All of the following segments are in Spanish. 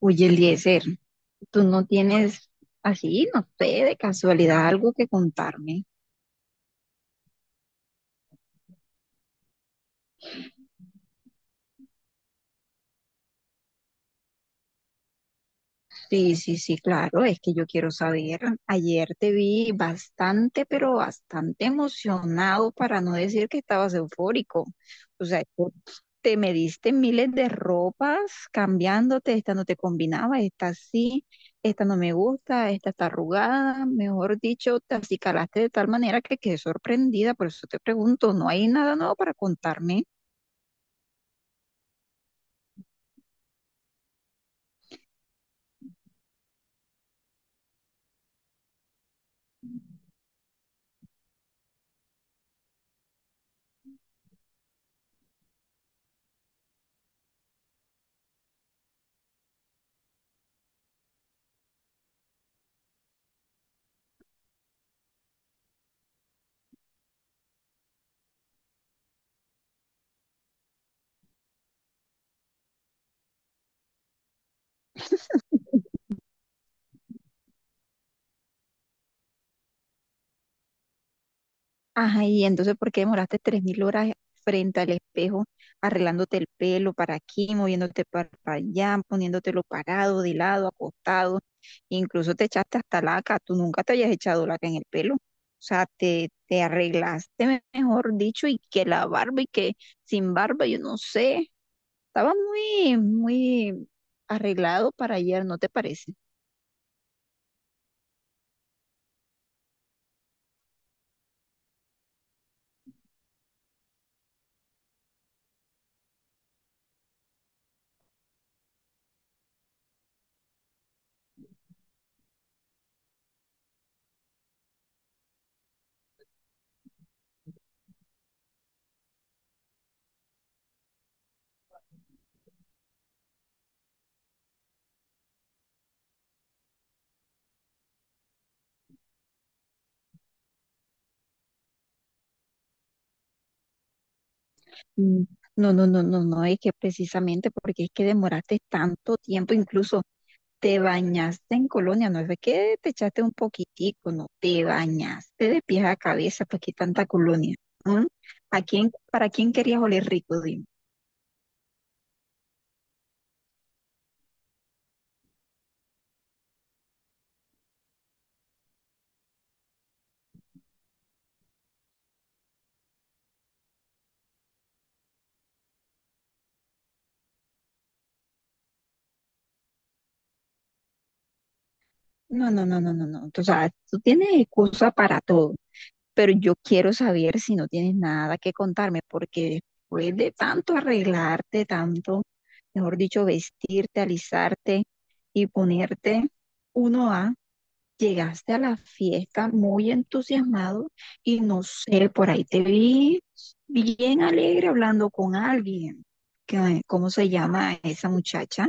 Oye, Eliezer, tú no tienes así, no sé, de casualidad algo que contarme. Sí, sí, sí, claro, es que yo quiero saber. Ayer te vi bastante, pero bastante emocionado, para no decir que estabas eufórico. O sea, tú te me miles de ropas cambiándote, esta no te combinaba, esta sí, esta no me gusta, esta está arrugada. Mejor dicho, te acicalaste de tal manera que quedé sorprendida, por eso te pregunto, ¿no hay nada nuevo para contarme? Ajá, y entonces, ¿por qué demoraste 3.000 horas frente al espejo, arreglándote el pelo para aquí, moviéndote para allá, poniéndotelo parado, de lado, acostado? Incluso te echaste hasta laca, tú nunca te habías echado laca en el pelo. O sea, te arreglaste, mejor dicho, y que la barba y que sin barba, yo no sé. Estaba muy arreglado para ayer, ¿no te parece? Mm. No, no, no, no, no, es que precisamente porque es que demoraste tanto tiempo, incluso. Te bañaste en colonia, no es de que te echaste un poquitico, no, te bañaste de pies a cabeza, pues qué tanta colonia. ¿Mm? ¿A quién, para quién querías oler rico, dime? No, no, no, no, no, no. O sea, tú tienes excusa para todo, pero yo quiero saber si no tienes nada que contarme, porque después de tanto arreglarte, tanto, mejor dicho, vestirte, alisarte y ponerte uno a llegaste a la fiesta muy entusiasmado y no sé, por ahí te vi bien alegre hablando con alguien. ¿Cómo se llama esa muchacha?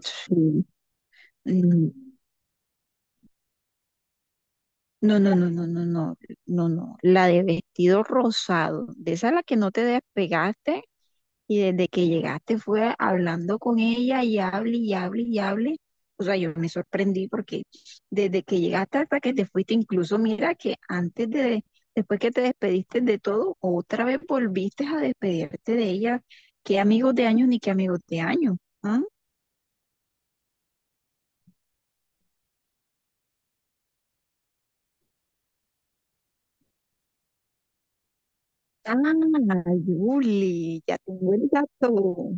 Sí. Mm. No, no, no, no, no, no, no, no. La de vestido rosado, de esa a la que no te despegaste. Y desde que llegaste fue hablando con ella y hable y hable y hable. O sea, yo me sorprendí porque desde que llegaste hasta que te fuiste, incluso mira que después que te despediste de todo, otra vez volviste a despedirte de ella. Qué amigos de años ni qué amigos de años. ¿Ah? Ah, Yuli, ya tengo el dato.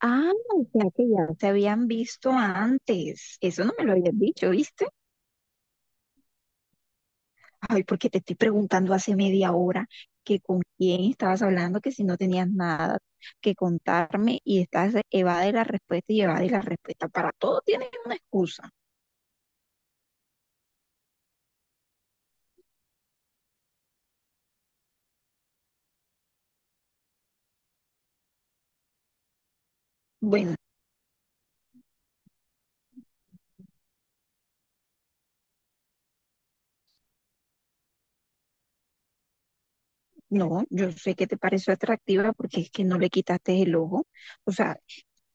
Ah, o sea que ya se habían visto antes. Eso no me lo habías dicho, ¿viste? Ay, porque te estoy preguntando hace media hora que con quién estabas hablando, que si no tenías nada que contarme y estás evade la respuesta y evade la respuesta. Para todo tienes una excusa. Bueno, no, yo sé que te pareció atractiva porque es que no le quitaste el ojo. O sea,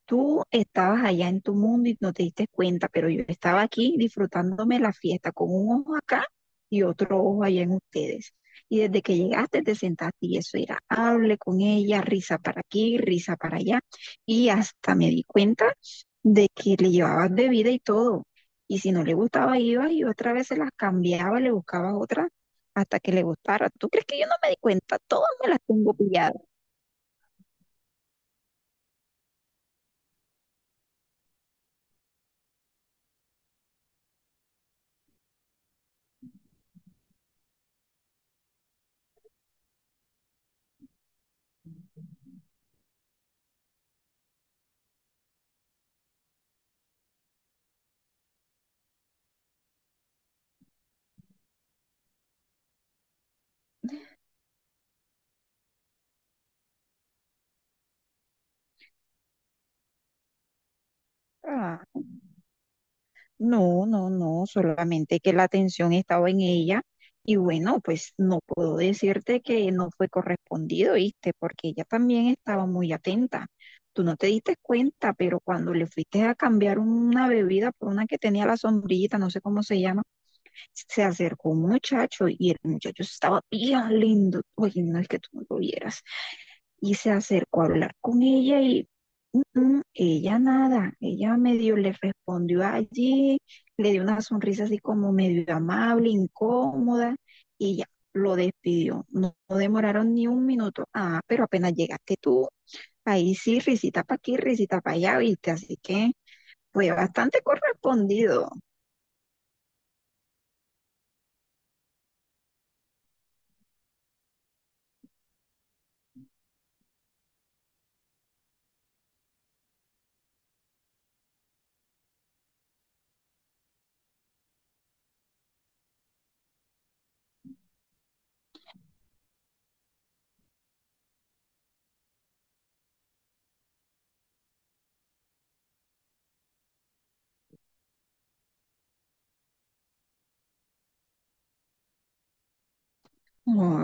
tú estabas allá en tu mundo y no te diste cuenta, pero yo estaba aquí disfrutándome la fiesta con un ojo acá y otro ojo allá en ustedes. Y desde que llegaste te sentaste y eso era, hable con ella, risa para aquí, risa para allá. Y hasta me di cuenta de que le llevabas bebida y todo. Y si no le gustaba, ibas y otra vez se las cambiaba, le buscabas otra hasta que le gustara. ¿Tú crees que yo no me di cuenta? Todas me las tengo pilladas. No, no, no, solamente que la atención estaba en ella y bueno, pues no puedo decirte que no fue correspondido, ¿viste? Porque ella también estaba muy atenta. Tú no te diste cuenta, pero cuando le fuiste a cambiar una bebida por una que tenía la sombrillita, no sé cómo se llama, se acercó un muchacho y el muchacho estaba bien lindo. Oye, no es que tú no lo vieras y se acercó a hablar con ella y "Mm, mm, ella nada, ella medio le respondió allí, le dio una sonrisa así como medio amable, incómoda y ya lo despidió. No, no demoraron ni un minuto. Ah, pero apenas llegaste tú, ahí sí, risita para aquí, risita para allá, viste, así que fue bastante correspondido.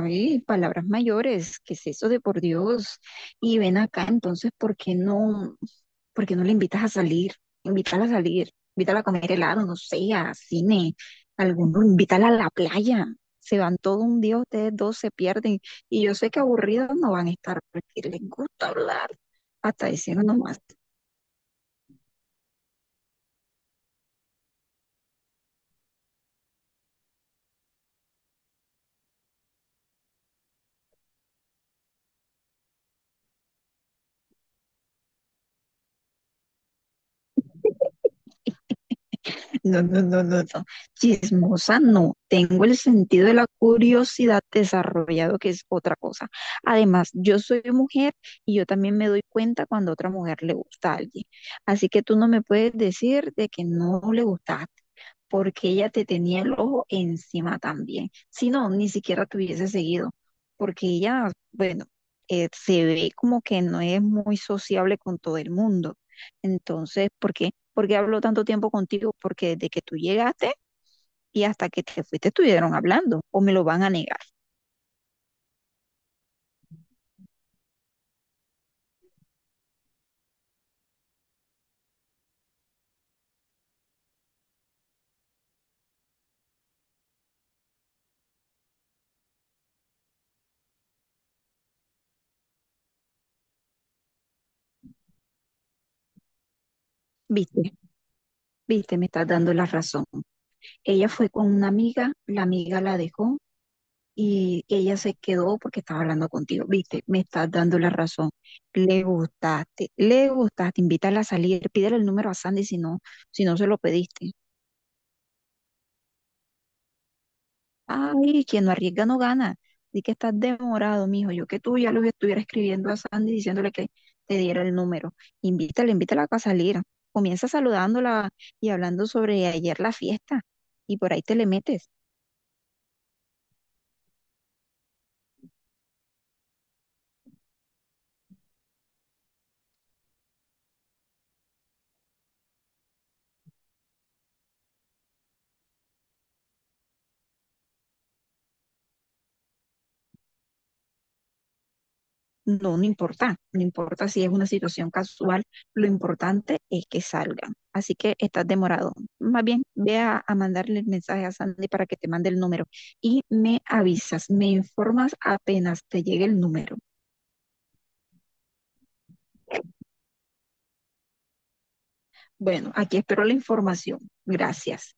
Ay, palabras mayores, ¿qué es eso de por Dios? Y ven acá, entonces, por qué no le invitas a salir? Invítala a salir, invítala a comer helado, no sé, a cine, alguno, invítala a la playa. Se van todo un día, ustedes dos se pierden. Y yo sé que aburridos no van a estar porque les gusta hablar, hasta diciendo nomás. No, no, no, no, no. Chismosa no. Tengo el sentido de la curiosidad desarrollado, que es otra cosa. Además, yo soy mujer y yo también me doy cuenta cuando a otra mujer le gusta a alguien. Así que tú no me puedes decir de que no le gustaste, porque ella te tenía el ojo encima también. Si no, ni siquiera te hubiese seguido, porque ella, bueno, se ve como que no es muy sociable con todo el mundo. Entonces, ¿por qué? ¿Por qué habló tanto tiempo contigo? Porque desde que tú llegaste y hasta que te fuiste estuvieron hablando o me lo van a negar. Viste, viste, me estás dando la razón. Ella fue con una amiga la dejó y ella se quedó porque estaba hablando contigo. Viste, me estás dando la razón. Le gustaste, invítala a salir, pídele el número a Sandy si no, si no se lo pediste. Ay, quien no arriesga no gana. Di que estás demorado, mijo. Yo que tú ya los estuviera escribiendo a Sandy diciéndole que te diera el número. Invítala, invítala a salir. Comienza saludándola y hablando sobre ayer la fiesta. Y por ahí te le metes. No, no importa. No importa si es una situación casual. Lo importante es que salgan. Así que estás demorado. Más bien, ve a mandarle el mensaje a Sandy para que te mande el número. Y me avisas, me informas apenas te llegue el número. Bueno, aquí espero la información. Gracias.